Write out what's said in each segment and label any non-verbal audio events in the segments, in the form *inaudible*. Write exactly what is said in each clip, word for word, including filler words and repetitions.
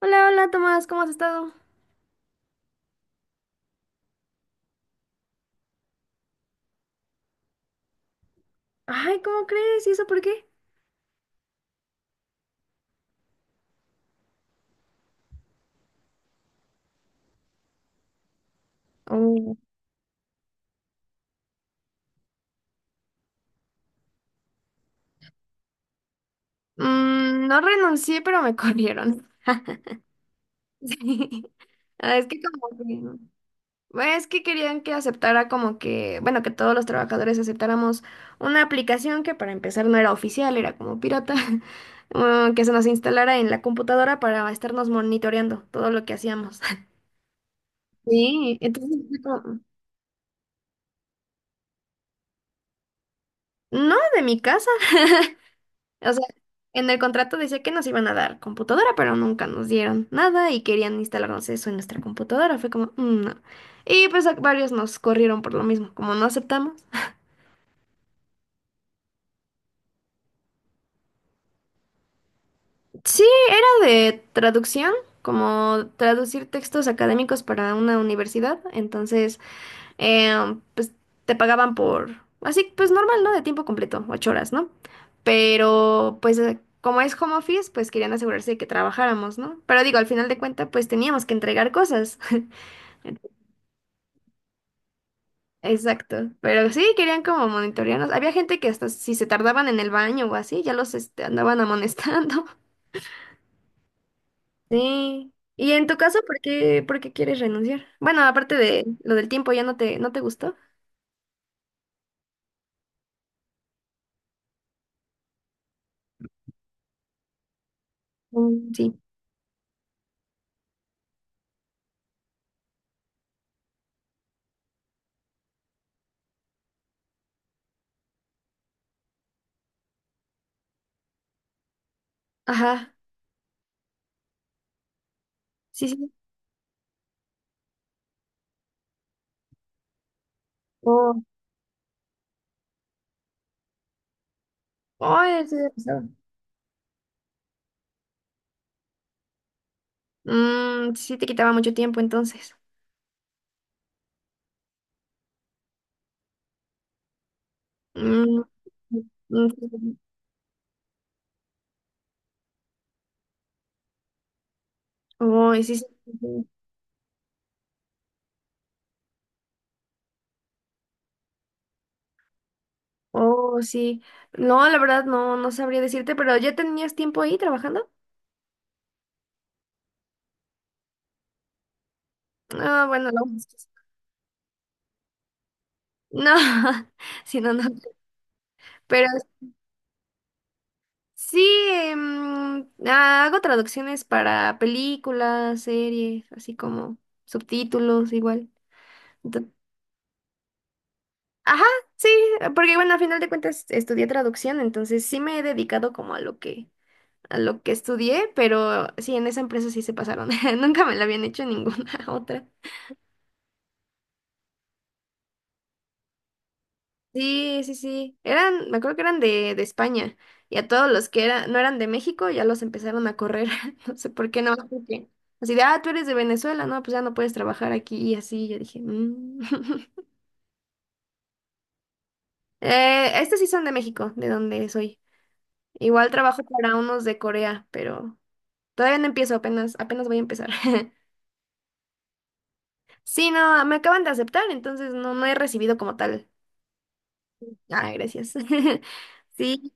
Hola, hola Tomás, ¿cómo has estado? Ay, ¿cómo crees? ¿Y eso por qué? Oh. Mm, no renuncié, pero me corrieron. *laughs* Sí. Ah, es que como que- bueno, es que querían que aceptara como que, bueno, que todos los trabajadores aceptáramos una aplicación que para empezar no era oficial, era como pirata. *laughs* Ah, que se nos instalara en la computadora para estarnos monitoreando todo lo que hacíamos. *laughs* Sí, entonces fue como, no, de mi casa. O sea, en el contrato decía que nos iban a dar computadora, pero nunca nos dieron nada y querían instalarnos eso en nuestra computadora. Fue como, "Mm, no". Y pues a- varios nos corrieron por lo mismo, como no aceptamos. Sí, era de traducción, como traducir textos académicos para una universidad. Entonces, eh, pues te pagaban por, así pues normal, ¿no? De tiempo completo, ocho horas, ¿no? Pero pues eh, como es home office, pues querían asegurarse de que trabajáramos, ¿no? Pero digo, al final de cuentas, pues teníamos que entregar cosas. *laughs* Exacto, pero sí querían como monitorearnos. Había gente que hasta si se tardaban en el baño o así, ya los este, andaban amonestando. *laughs* Sí. ¿Y en tu caso, por qué, por qué quieres renunciar? Bueno, aparte de lo del tiempo, ¿ya no te, no te gustó? Mm, sí. Ajá. Sí, sí. Ay, eso ya pasaba. Mm, sí te quitaba mucho tiempo entonces. Mm, mm, sí. Ay, sí, sí, sí. Oh, sí. No, la verdad no, no sabría decirte, pero ¿ya tenías tiempo ahí trabajando? Ah, bueno, no. No, *laughs* sí, no, no. Pero sí, em, ah, hago traducciones para películas, series, así como subtítulos igual. Ajá, sí, porque bueno, al final de cuentas estudié traducción, entonces sí me he dedicado como a lo que, a lo que estudié, pero sí, en esa empresa sí se pasaron. *laughs* Nunca me la habían hecho en ninguna *laughs* otra. Sí, sí, sí. Eran, me acuerdo que eran de, de España. Y a todos los que era- no eran de México ya los empezaron a correr. *laughs* No sé por qué no, más porque así de, ah, tú eres de Venezuela, no, pues ya no puedes trabajar aquí y así. Yo dije, "Mm". *laughs* Eh, estos sí son de México, de donde soy. Igual trabajo para unos de Corea, pero todavía no empiezo, apenas, apenas voy a empezar. *laughs* Sí, no, me acaban de aceptar, entonces no, no he recibido como tal. Ah, gracias. *laughs* Sí.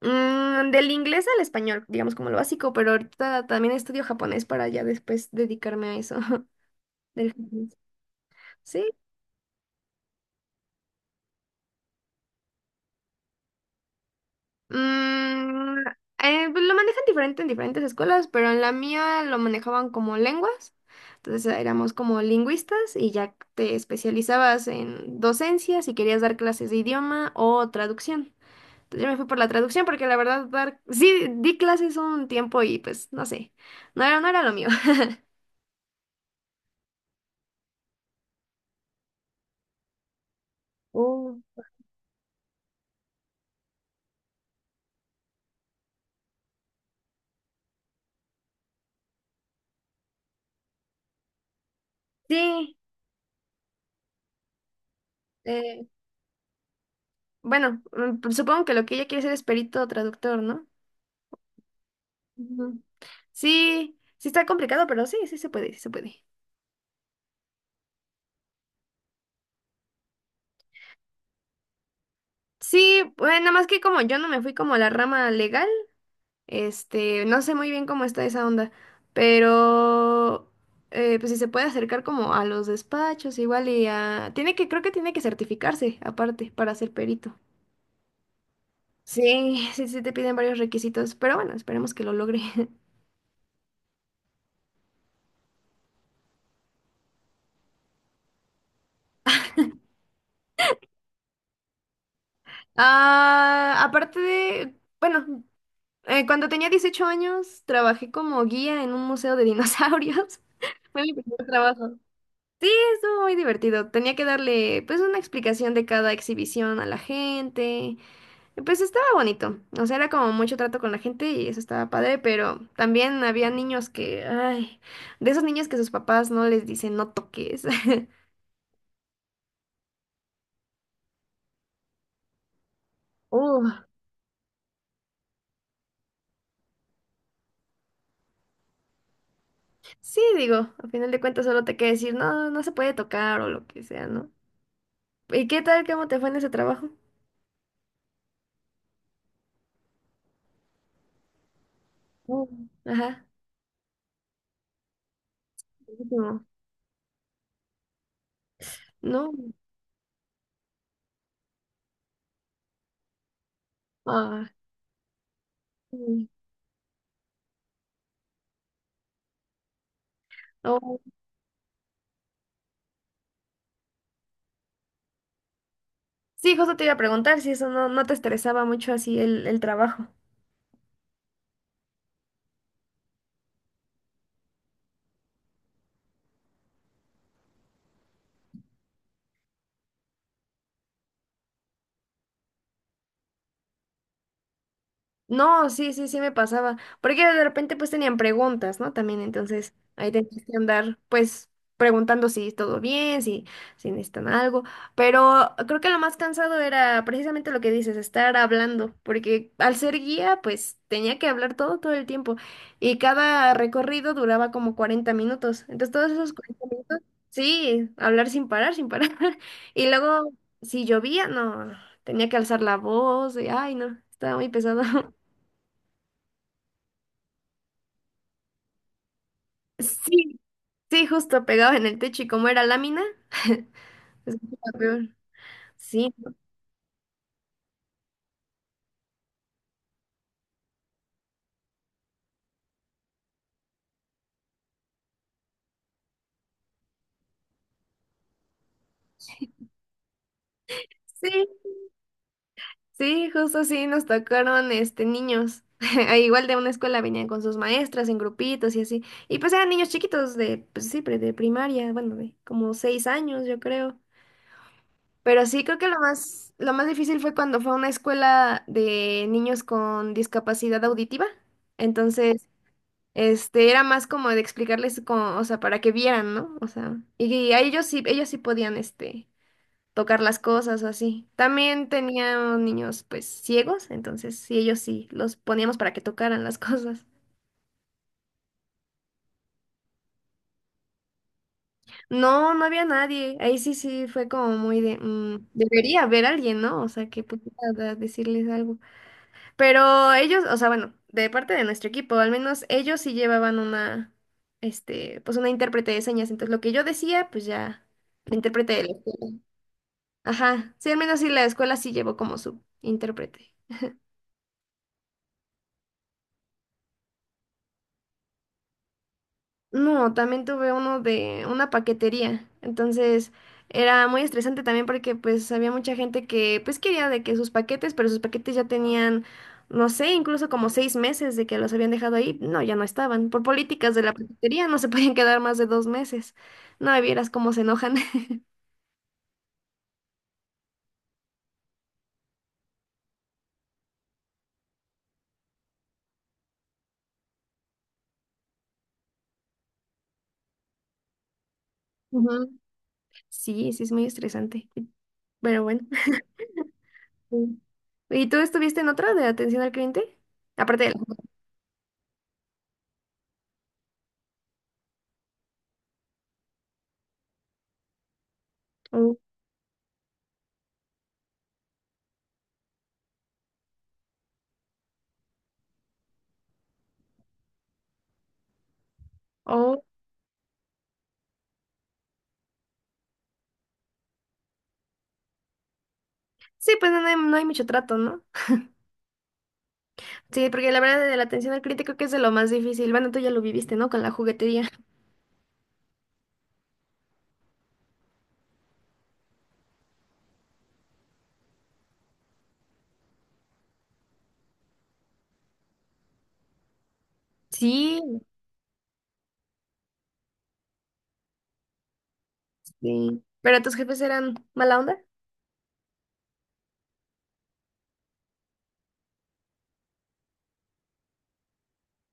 Mm, del inglés al español, digamos como lo básico, pero ahorita también estudio japonés para ya después dedicarme a eso. *laughs* Del japonés. Sí. Mm, eh, pues lo manejan diferente en diferentes escuelas, pero en la mía lo manejaban como lenguas. Entonces éramos como lingüistas y ya te especializabas en docencia si querías dar clases de idioma o traducción. Entonces yo me fui por la traducción porque la verdad dar, sí di clases un tiempo y pues no sé, no era, no era lo mío. Oh. *laughs* Sí, eh, bueno, mm, pues supongo que lo que ella quiere ser es perito traductor, ¿no? Ujú. Sí, sí está complicado, pero sí, sí se puede, sí se puede. Sí, bueno, nada más que como yo no me fui como a la rama legal, este, no sé muy bien cómo está esa onda, pero eh, pues si se puede acercar como a los despachos igual y a... Tiene que, creo que tiene que certificarse aparte para ser perito. Sí, sí, sí te piden varios requisitos, pero bueno, esperemos que lo logre. *laughs* Ah, aparte de, bueno, eh, cuando tenía dieciocho años trabajé como guía en un museo de dinosaurios. *laughs* Fue mi primer trabajo. Sí, estuvo muy divertido. Tenía que darle pues una explicación de cada exhibición a la gente. Y pues estaba bonito. O sea, era como mucho trato con la gente y eso estaba padre, pero también había niños que, ay, de esos niños que sus papás no les dicen no toques. *laughs* Uh, sí, digo, a final de cuentas solo te queda decir no, no se puede tocar o lo que sea, ¿no? ¿Y qué tal? ¿Cómo te fue en ese trabajo? Mm. Ajá. Buenísimo. No. Ah, sí. Sí, justo te iba a preguntar si eso no, no te estresaba mucho así el, el trabajo. No, sí, sí, sí me pasaba. Porque de repente pues tenían preguntas, ¿no? También entonces ahí tenías que andar pues preguntando si todo bien, si, si necesitan algo. Pero creo que lo más cansado era precisamente lo que dices, estar hablando. Porque al ser guía pues tenía que hablar todo, todo el tiempo. Y cada recorrido duraba como cuarenta minutos. Entonces todos esos cuarenta minutos, sí, hablar sin parar, sin parar. *laughs* Y luego si llovía, no, tenía que alzar la voz y ay, no, estaba muy pesado. Sí, sí, justo pegados en el techo y como era lámina, *laughs* se escuchaba peor. Sí, sí, sí, justo sí, nos tocaron este niños. *laughs* Ah, igual de una escuela venían con sus maestras en grupitos y así. Y pues eran niños chiquitos de, pues sí, pre- de primaria, bueno, de como seis años, yo creo. Pero sí, creo que lo más, lo más difícil fue cuando fue a una escuela de niños con discapacidad auditiva. Entonces, este, era más como de explicarles como, o sea, para que vieran, ¿no? O sea, y, y a ellos sí, ellos sí podían, este, tocar las cosas o así. También tenían niños, pues, ciegos, entonces sí, ellos sí, los poníamos para que tocaran las *laughs* cosas. No, no había nadie. Ahí sí, sí, fue como muy de, mm, debería haber alguien, ¿no? O sea, que pudiera da- decirles algo. Pero ellos, o sea, bueno, de parte de nuestro equipo, al menos ellos sí llevaban una, este, pues una intérprete de señas. Entonces lo que yo decía, pues ya, la intérprete de la escuela. Ajá, sí, al menos sí la escuela sí llevó como su intérprete. No, también tuve uno de una paquetería. Entonces era muy estresante también porque pues había mucha gente que pues quería de que sus paquetes, pero sus paquetes ya tenían, no sé, incluso como seis meses de que los habían dejado ahí. No, ya no estaban. Por políticas de la paquetería no se podían quedar más de dos meses. No, y vieras cómo se enojan. *laughs* Ujú. Sí, sí, es muy estresante. Pero bueno. Sí. ¿Y tú estuviste en otra de atención al cliente? Aparte de la... Oh, oh. Sí, pues no no hay, no hay mucho trato, ¿no? Sí, porque la verdad de la atención al cliente creo que es de lo más difícil. Bueno, tú ya lo viviste, ¿no? Con la juguetería. Sí, sí. ¿Pero tus jefes eran mala onda?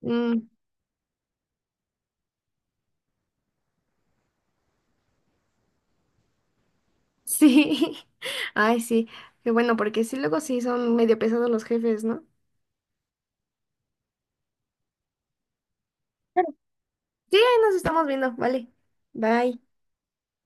Mm, sí. *laughs* Ay, sí. Qué bueno, porque sí, luego sí son medio pesados los jefes, ¿no? Sí, ahí nos estamos viendo. Vale. Bye.